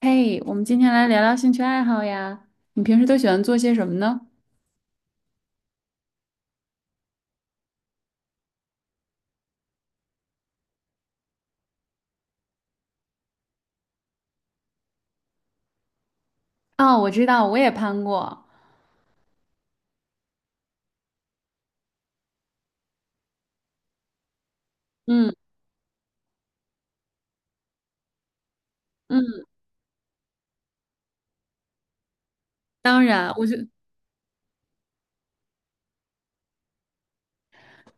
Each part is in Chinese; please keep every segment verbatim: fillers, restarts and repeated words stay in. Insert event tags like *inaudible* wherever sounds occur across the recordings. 嘿，我们今天来聊聊兴趣爱好呀。你平时都喜欢做些什么呢？哦，我知道，我也攀过。嗯嗯，当然，我觉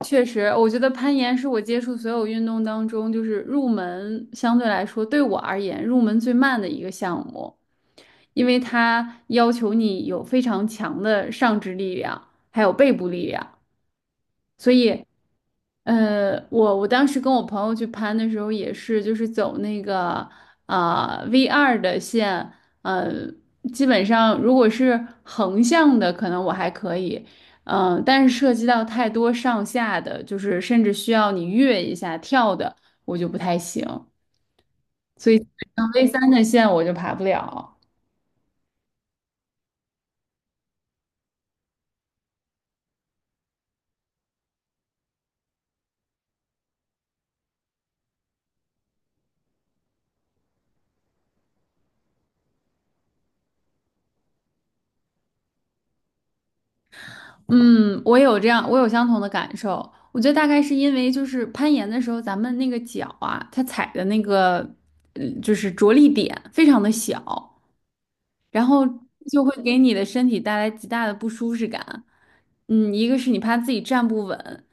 确实，我觉得攀岩是我接触所有运动当中，就是入门相对来说对我而言入门最慢的一个项目，因为它要求你有非常强的上肢力量，还有背部力量。所以，呃，我我当时跟我朋友去攀的时候，也是就是走那个啊、V 二的线，呃，基本上如果是横向的，可能我还可以，嗯、但是涉及到太多上下的，就是甚至需要你跃一下跳的，我就不太行。那 V 三的线我就爬不了。嗯，我有这样，我有相同的感受。我觉得大概是因为就是攀岩的时候，咱们那个脚啊，它踩的那个，呃就是着力点非常的小，然后就会给你的身体带来极大的不舒适感。嗯，一个是你怕自己站不稳，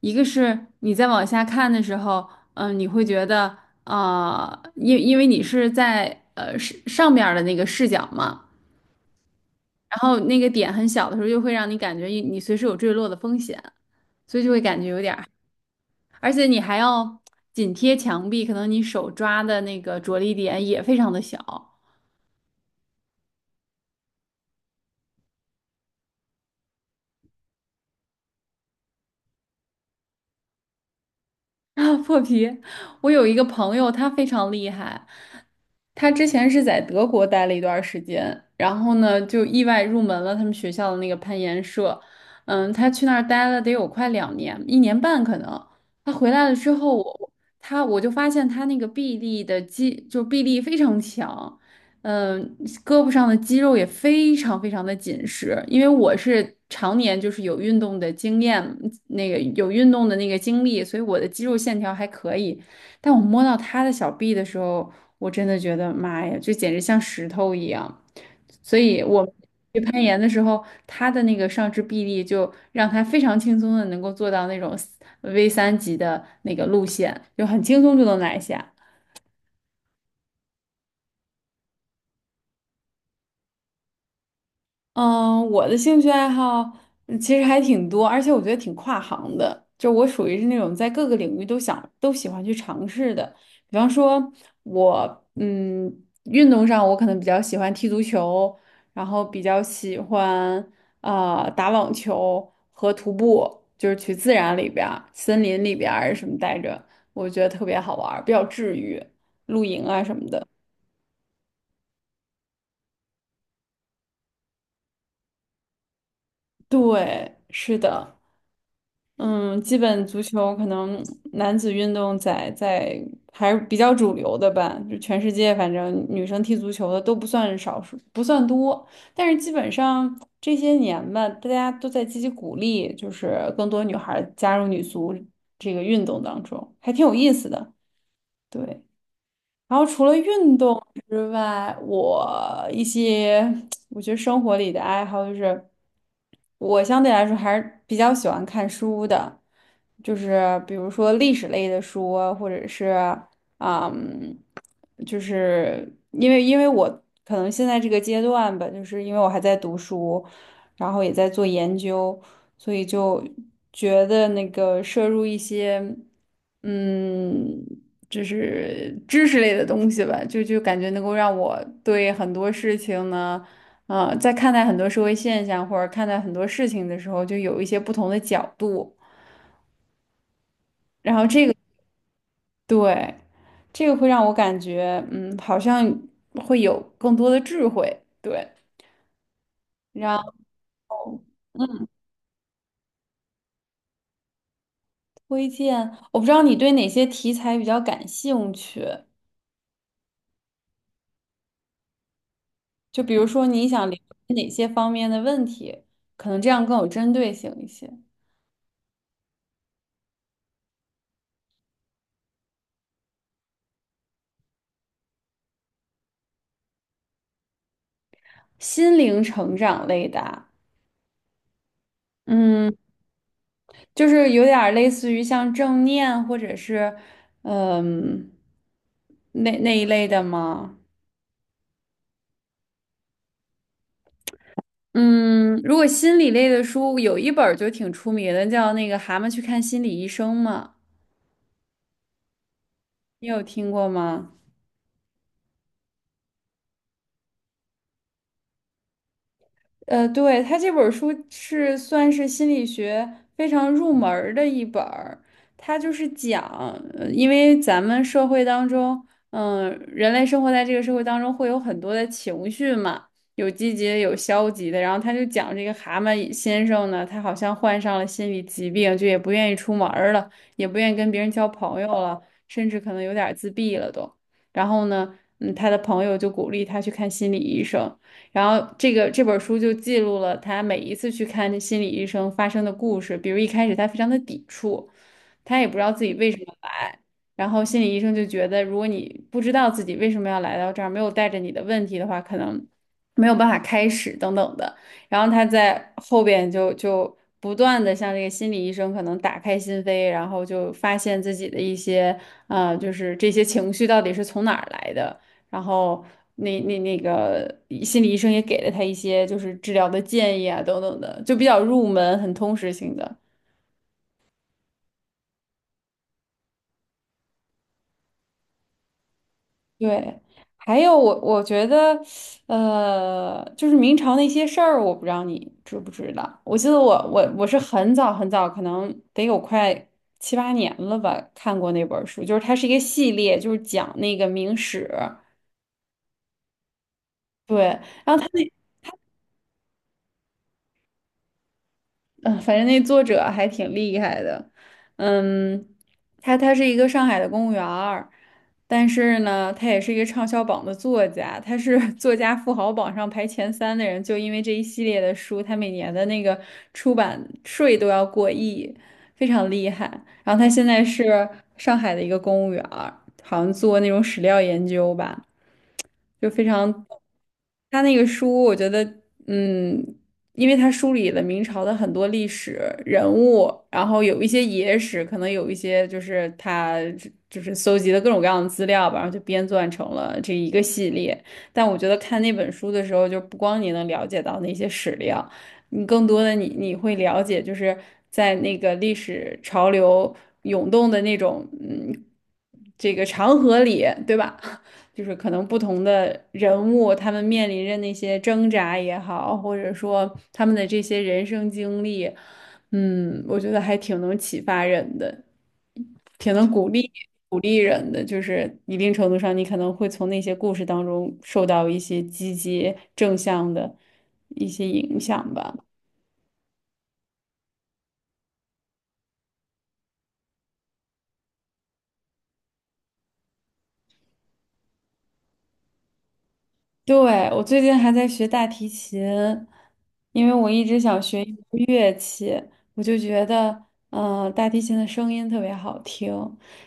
一个是你在往下看的时候，嗯、你会觉得啊、呃因因为你是在呃是上面的那个视角嘛。然后那个点很小的时候，就会让你感觉你你随时有坠落的风险，所以就会感觉有点儿，而且你还要紧贴墙壁，可能你手抓的那个着力点也非常的小。*laughs* 啊，破皮！我有一个朋友，他非常厉害。他之前是在德国待了一段儿时间，然后呢，就意外入门了他们学校的那个攀岩社。嗯，他去那儿待了得有快两年，一年半可能。他回来了之后，我他我就发现他那个臂力的肌，就臂力非常强。嗯，呃胳膊上的肌肉也非常非常的紧实，因为我是常年就是有运动的经验，那个有运动的那个经历，所以我的肌肉线条还可以。但我摸到他的小臂的时候，我真的觉得妈呀，就简直像石头一样。所以我去攀岩的时候，他的那个上肢臂力就让他非常轻松的能够做到那种 V 三级的那个路线，就很轻松就能拿下。嗯，我的兴趣爱好嗯其实还挺多，而且我觉得挺跨行的。就我属于是那种在各个领域都想都喜欢去尝试的。比方说我，嗯，运动上我可能比较喜欢踢足球，然后比较喜欢啊打网球和徒步，就是去自然里边儿、森林里边儿什么待着，我觉得特别好玩儿比较治愈，露营啊什么的。对，是的。嗯，基本足球可能男子运动在在还是比较主流的吧，就全世界反正女生踢足球的都不算少数，不算多，但是基本上这些年吧，大家都在积极鼓励，就是更多女孩儿加入女足这个运动当中，还挺有意思的。对。然后除了运动之外，我一些我觉得生活里的爱好就是，我相对来说还是比较喜欢看书的，就是比如说历史类的书啊或者是嗯，就是因为因为我可能现在这个阶段吧，就是因为我还在读书，然后也在做研究，所以就觉得那个摄入一些。嗯，就是知识类的东西吧，就就感觉能够让我对很多事情呢，啊，在看待很多社会现象或者看待很多事情的时候，就有一些不同的角度。然后这个对，这个会让我感觉，嗯，好像会有更多的智慧。对，然后嗯，推荐，我不知道你对哪些题材比较感兴趣，就比如说你想了解哪些方面的问题，可能这样更有针对性一些。心灵成长类的啊嗯，就是有点儿类似于像正念或者是嗯那那一类的吗？嗯，如果心理类的书，有一本儿就挺出名的，叫那个《蛤蟆去看心理医生》嘛，你有听过吗？呃，对，他这本儿书是算是心理学非常入门儿的一本儿，它就是讲，呃因为咱们社会当中，嗯、人类生活在这个社会当中会有很多的情绪嘛，有积极的，有消极的，然后他就讲这个蛤蟆先生呢，他好像患上了心理疾病，就也不愿意出门儿了，也不愿意跟别人交朋友了，甚至可能有点儿自闭了都。然后呢，嗯，他的朋友就鼓励他去看心理医生。然后这个这本书就记录了他每一次去看心理医生发生的故事，比如一开始他非常的抵触，他也不知道自己为什么来，然后心理医生就觉得，如果你不知道自己为什么要来到这儿，没有带着你的问题的话，可能没有办法开始等等的。然后他在后边就就不断的向这个心理医生可能打开心扉，然后就发现自己的一些啊，就是这些情绪到底是从哪儿来的。然后那那那个心理医生也给了他一些就是治疗的建议啊等等的，就比较入门，很通识性的。对，还有我我觉得，呃，就是明朝那些事儿，我不知道你知不知道。我记得我我我是很早很早，可能得有快七八年了吧，看过那本儿书，就是它是一个系列，就是讲那个明史。对，然后他嗯，反正那作者还挺厉害的，嗯，他他是一个上海的公务员儿但是呢，他也是一个畅销榜的作家，他是 *laughs* 作家富豪榜上排前三的人，就因为这一系列的书，他每年的那个出版税都要过亿，非常厉害。然后他现在是上海的一个公务员儿好像做那种史料研究吧。就非常。他那个书，我觉得，嗯，因为他梳理了明朝的很多历史人物，然后有一些野史，可能有一些就是他就是搜集的各种各样的资料吧，然后就编撰成了这一个系列。但我觉得看那本书的时候，就不光你能了解到那些史料，你更多的你你会了解，就是在那个历史潮流涌动的那种，嗯，这个长河里，对吧？*laughs* 就是可能不同的人物，他们面临着那些挣扎也好，或者说他们的这些人生经历，嗯，我觉得还挺能启发人的，挺能鼓励鼓励人的。就是一定程度上，你可能会从那些故事当中受到一些积极正向的一些影响吧。对，我最近还在学大提琴，因为我一直想学一门乐器，我就觉得，嗯、大提琴的声音特别好听。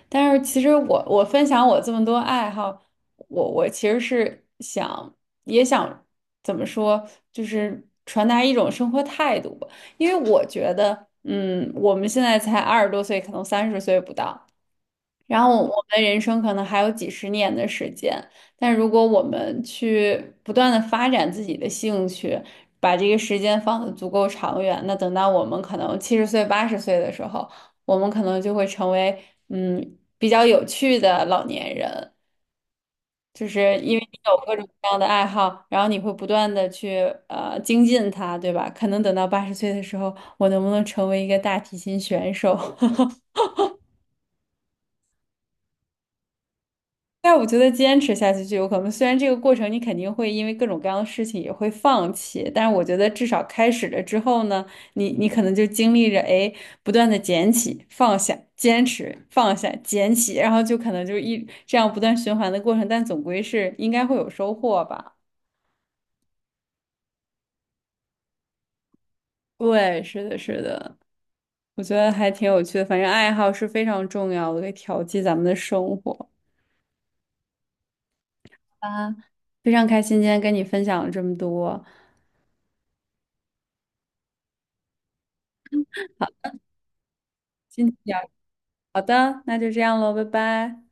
但是其实我我分享我这么多爱好，我我其实是想也想怎么说，就是传达一种生活态度吧。因为我觉得，嗯，我们现在才二十多岁，可能三十岁不到。然后我们人生可能还有几十年的时间，但如果我们去不断的发展自己的兴趣，把这个时间放得足够长远，那等到我们可能七十岁、八十岁的时候，我们可能就会成为嗯比较有趣的老年人，就是因为你有各种各样的爱好，然后你会不断的去呃精进它，对吧？可能等到八十岁的时候，我能不能成为一个大提琴选手？但我觉得坚持下去就有可能。虽然这个过程你肯定会因为各种各样的事情也会放弃，但是我觉得至少开始了之后呢，你你可能就经历着哎不断的捡起、放下、坚持、放下、捡起，然后就可能就一这样不断循环的过程，但总归是应该会有收获吧。对，是的，是的，我觉得还挺有趣的。反正爱好是非常重要的，可以调剂咱们的生活啊。非常开心今天跟你分享了这么多，今天。好的，那就这样喽，拜拜。